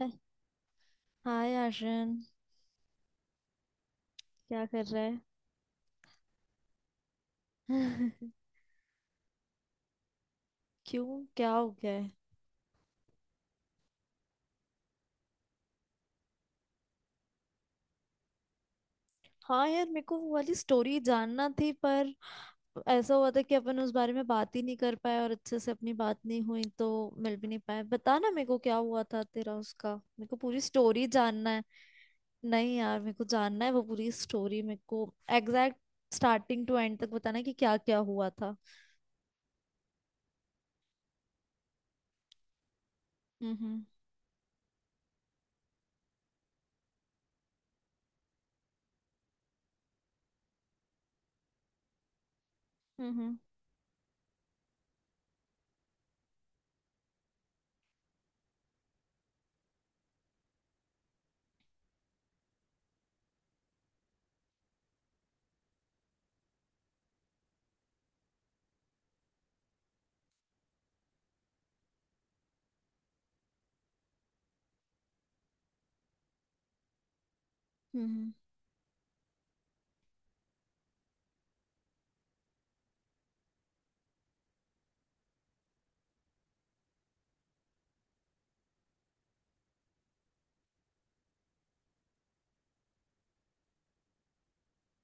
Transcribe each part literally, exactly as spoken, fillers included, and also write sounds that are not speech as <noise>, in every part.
है- हाय आर्यन, क्या कर रहा है? <laughs> क्यों? क्या हो गया है? हाँ यार, मेरे को वो वाली स्टोरी जानना थी। पर ऐसा हुआ था कि अपन उस बारे में बात ही नहीं कर पाए और अच्छे से अपनी बात नहीं हुई, तो मिल भी नहीं पाए। बता ना मेरे को क्या हुआ था तेरा उसका, मेरे को पूरी स्टोरी जानना है। नहीं यार, मेरे को जानना है वो पूरी स्टोरी। मेरे को एग्जैक्ट स्टार्टिंग टू एंड तक बताना है कि क्या क्या हुआ था। हम्म। हम्म। हम्म। हम्म।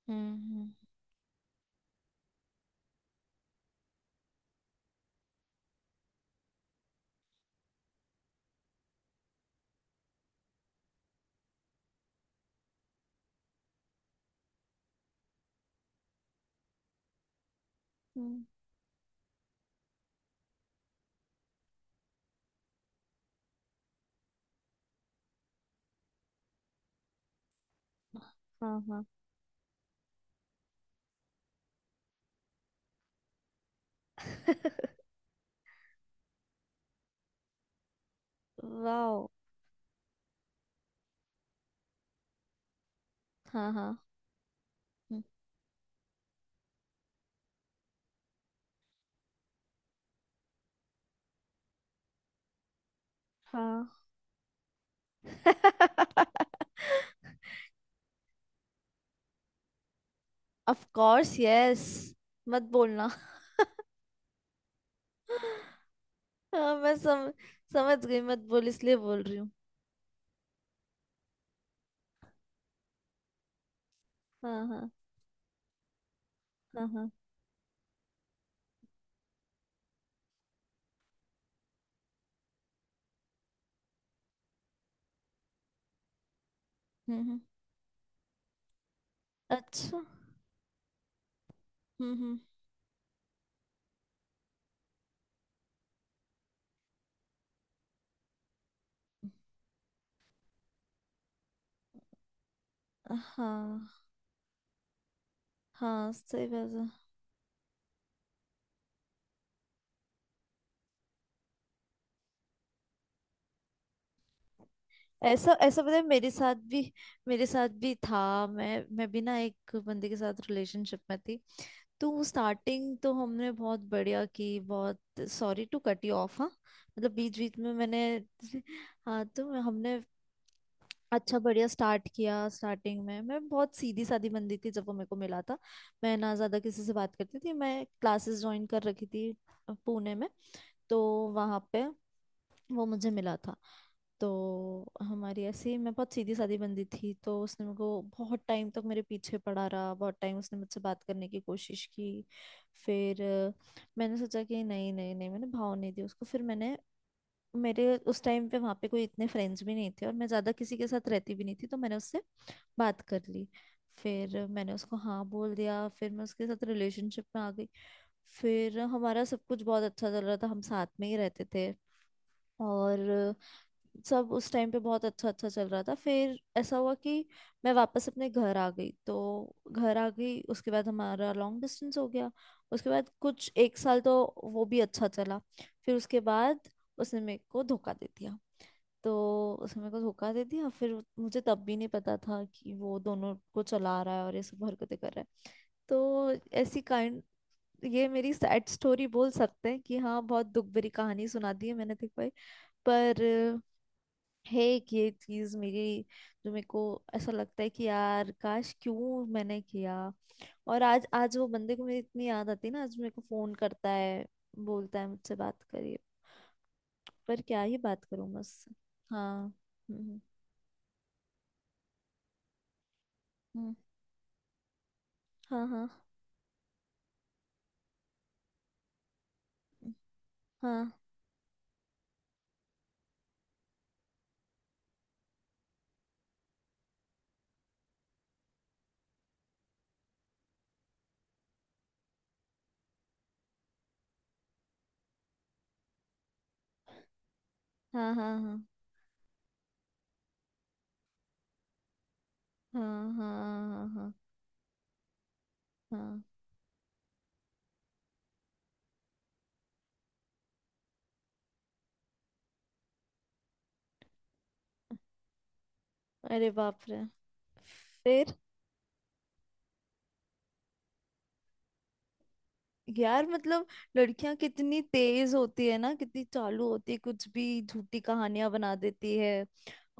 हम्म। हम्म, हम्म। हाँ, हाँ। वाओ। हाँ, हाँ, हाँ। <laughs> Of course, yes. मत बोलना। हाँ, मैं सम, समझ गई। मत बोल, इसलिए बोल रही हूँ। हाँ, हाँ, हाँ, हाँ। हम्म, हम्म। अच्छा। हम्म, हम्म। हाँ, हाँ, सही बात है। ऐसा ऐसा पता है, मेरे साथ भी मेरे साथ भी था। मैं मैं भी ना एक बंदे के साथ रिलेशनशिप में थी। तो स्टार्टिंग तो हमने बहुत बढ़िया की, बहुत। Sorry to cut you off. हाँ। मतलब बीच बीच में मैंने। <laughs> हाँ, तो हमने अच्छा बढ़िया स्टार्ट किया। स्टार्टिंग में मैं बहुत सीधी सादी बंदी थी जब वो मेरे को मिला था। मैं ना ज़्यादा किसी से बात करती थी, मैं क्लासेस ज्वाइन कर रखी थी पुणे में। तो वहाँ पे वो मुझे मिला था। तो हमारी ऐसी, मैं बहुत सीधी सादी बंदी थी, तो उसने मेरे को बहुत टाइम तक मेरे पीछे पड़ा रहा, बहुत टाइम उसने मुझसे बात करने की कोशिश की। फिर अ, मैंने सोचा कि नहीं नहीं नहीं, मैंने भाव नहीं दी उसको। फिर मैंने, मेरे उस टाइम पे वहाँ पे कोई इतने फ्रेंड्स भी नहीं थे, और मैं ज़्यादा किसी के साथ रहती भी नहीं थी, तो मैंने उससे बात कर ली। फिर मैंने उसको हाँ बोल दिया, फिर मैं उसके साथ रिलेशनशिप में आ गई। फिर हमारा सब कुछ बहुत अच्छा चल रहा था, हम साथ में ही रहते थे। और सब उस टाइम पे बहुत अच्छा अच्छा चल रहा था। फिर ऐसा हुआ कि मैं वापस अपने घर आ गई। तो घर आ गई, उसके बाद हमारा लॉन्ग डिस्टेंस हो गया। उसके बाद कुछ एक साल तो वो भी अच्छा चला। फिर उसके बाद उसने मेरे को धोखा दे दिया। तो उसने मेरे को धोखा दे दिया। फिर मुझे तब भी नहीं पता था कि वो दोनों को चला रहा है और ये सब हरकतें कर रहा है। तो ऐसी काइंड, ये मेरी सैड स्टोरी बोल सकते हैं कि हाँ, बहुत दुख भरी कहानी सुना दी है मैंने तेरे को एक। पर है एक ये चीज मेरी, जो मेरे को ऐसा लगता है कि यार, काश, क्यों मैंने किया। और आज आज वो बंदे को मेरी इतनी याद आती है ना, आज मेरे को फोन करता है, बोलता है मुझसे बात करिए। पर क्या ही बात करूं मैं उससे? हाँ। हम्म, हम्म। हाँ, हाँ, हाँ, हाँ, हाँ, हाँ, हाँ, हाँ, हाँ, हाँ, हाँ। अरे बाप रे! फिर, यार मतलब, लड़कियां कितनी तेज होती है ना, कितनी चालू होती है, कुछ भी झूठी कहानियां बना देती है।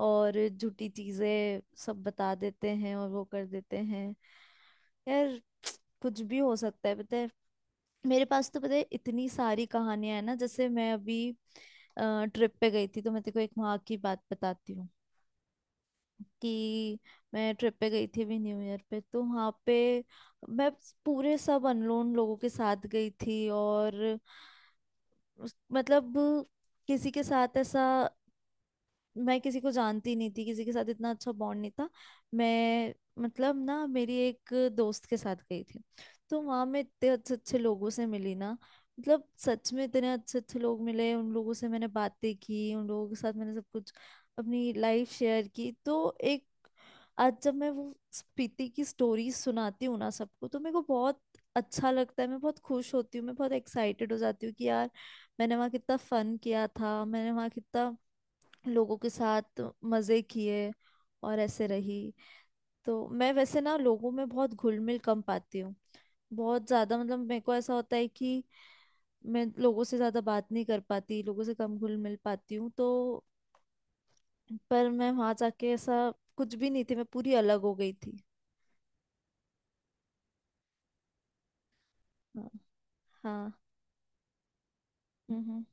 और झूठी चीजें सब बता देते हैं और वो कर देते हैं, यार। <tsk> कुछ भी हो सकता है, पता है। मेरे पास तो पता है इतनी सारी कहानियां है ना। जैसे मैं अभी ट्रिप पे गई थी, तो मैं तेरे को एक वहां की बात बताती हूँ कि मैं ट्रिप पे गई थी अभी न्यू ईयर पे, तो वहां पे मैं पूरे सब अननोन लोगों के साथ गई थी, और उस- मतलब किसी के साथ ऐसा, मैं किसी को जानती नहीं थी, किसी के साथ इतना अच्छा बॉन्ड नहीं था। मैं मतलब ना, मेरी एक दोस्त के साथ गई थी। तो वहां मैं इतने अच्छे अच्छे लोगों से मिली ना, मतलब सच में इतने अच्छे अच्छे लोग मिले, उन लोगों से मैंने बातें की, उन लोगों के साथ मैंने सब कुछ अपनी लाइफ शेयर की। तो एक, आज जब मैं वो स्पीति की स्टोरी सुनाती हूँ ना सबको, तो मेरे को बहुत अच्छा लगता है, मैं बहुत खुश होती हूँ, मैं बहुत एक्साइटेड हो जाती हूँ कि यार, मैंने वहाँ कितना फन किया था, मैंने वहाँ कितना लोगों के साथ मजे किए और ऐसे रही। तो मैं वैसे ना लोगों में बहुत घुल मिल कम पाती हूँ, बहुत ज्यादा। मतलब मेरे को ऐसा होता है कि मैं लोगों से ज्यादा बात नहीं कर पाती, लोगों से कम घुल मिल पाती हूँ। तो पर मैं वहां जाके ऐसा कुछ भी नहीं थी, मैं पूरी अलग हो गई थी। हाँ, हाँ। हम्म, हम्म।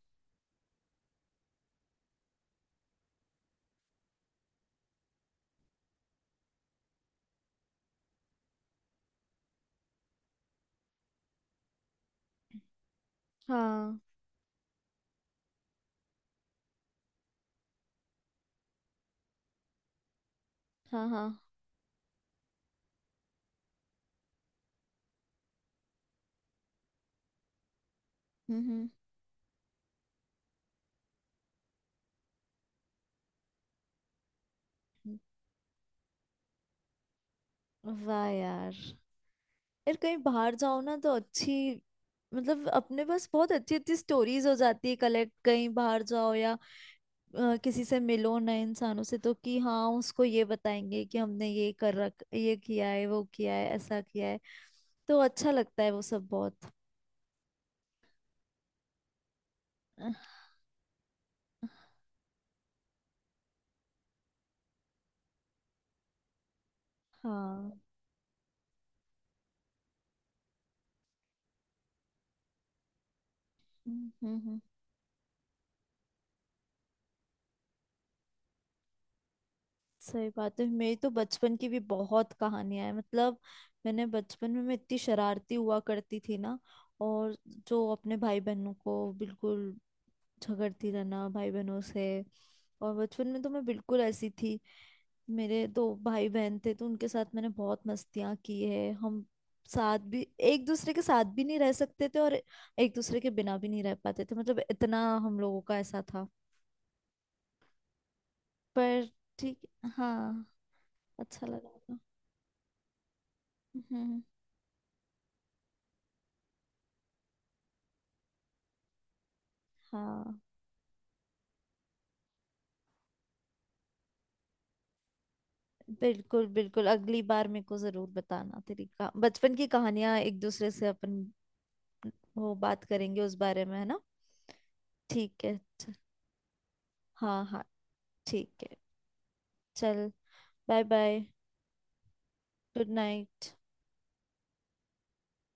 हाँ, हाँ, हाँ। हम्म, हम्म। वाह यार। यार, कहीं बाहर जाओ ना तो अच्छी, मतलब अपने पास बहुत अच्छी अच्छी स्टोरीज हो जाती है कलेक्ट। कहीं बाहर जाओ या अ, किसी से मिलो नए इंसानों से, तो कि हाँ उसको ये बताएंगे कि हमने ये कर रख, ये किया है, वो किया है, ऐसा किया है। तो अच्छा लगता है वो सब, बहुत। अ, हाँ। हम्म, हम्म, हम्म, सही बात है। मेरी तो बचपन की भी बहुत कहानियां हैं। मतलब मैंने बचपन में, मैं इतनी शरारती हुआ करती थी ना, और जो अपने भाई बहनों को, बिल्कुल, झगड़ती रहना भाई बहनों से। और बचपन में तो मैं बिल्कुल ऐसी थी। मेरे दो भाई बहन थे तो उनके साथ मैंने बहुत मस्तियाँ की है। हम साथ भी एक दूसरे के साथ भी नहीं रह सकते थे और एक दूसरे के बिना भी नहीं रह पाते थे, मतलब इतना हम लोगों का ऐसा था। पर ठीक। हाँ। अच्छा लगा था। हम्म। हाँ, बिल्कुल बिल्कुल। अगली बार मेरे को जरूर बताना तेरी का बचपन की कहानियां। एक दूसरे से अपन वो बात करेंगे उस बारे में, है ना? ठीक है। हाँ, हाँ। ठीक है। चल। Bye, bye. Good night.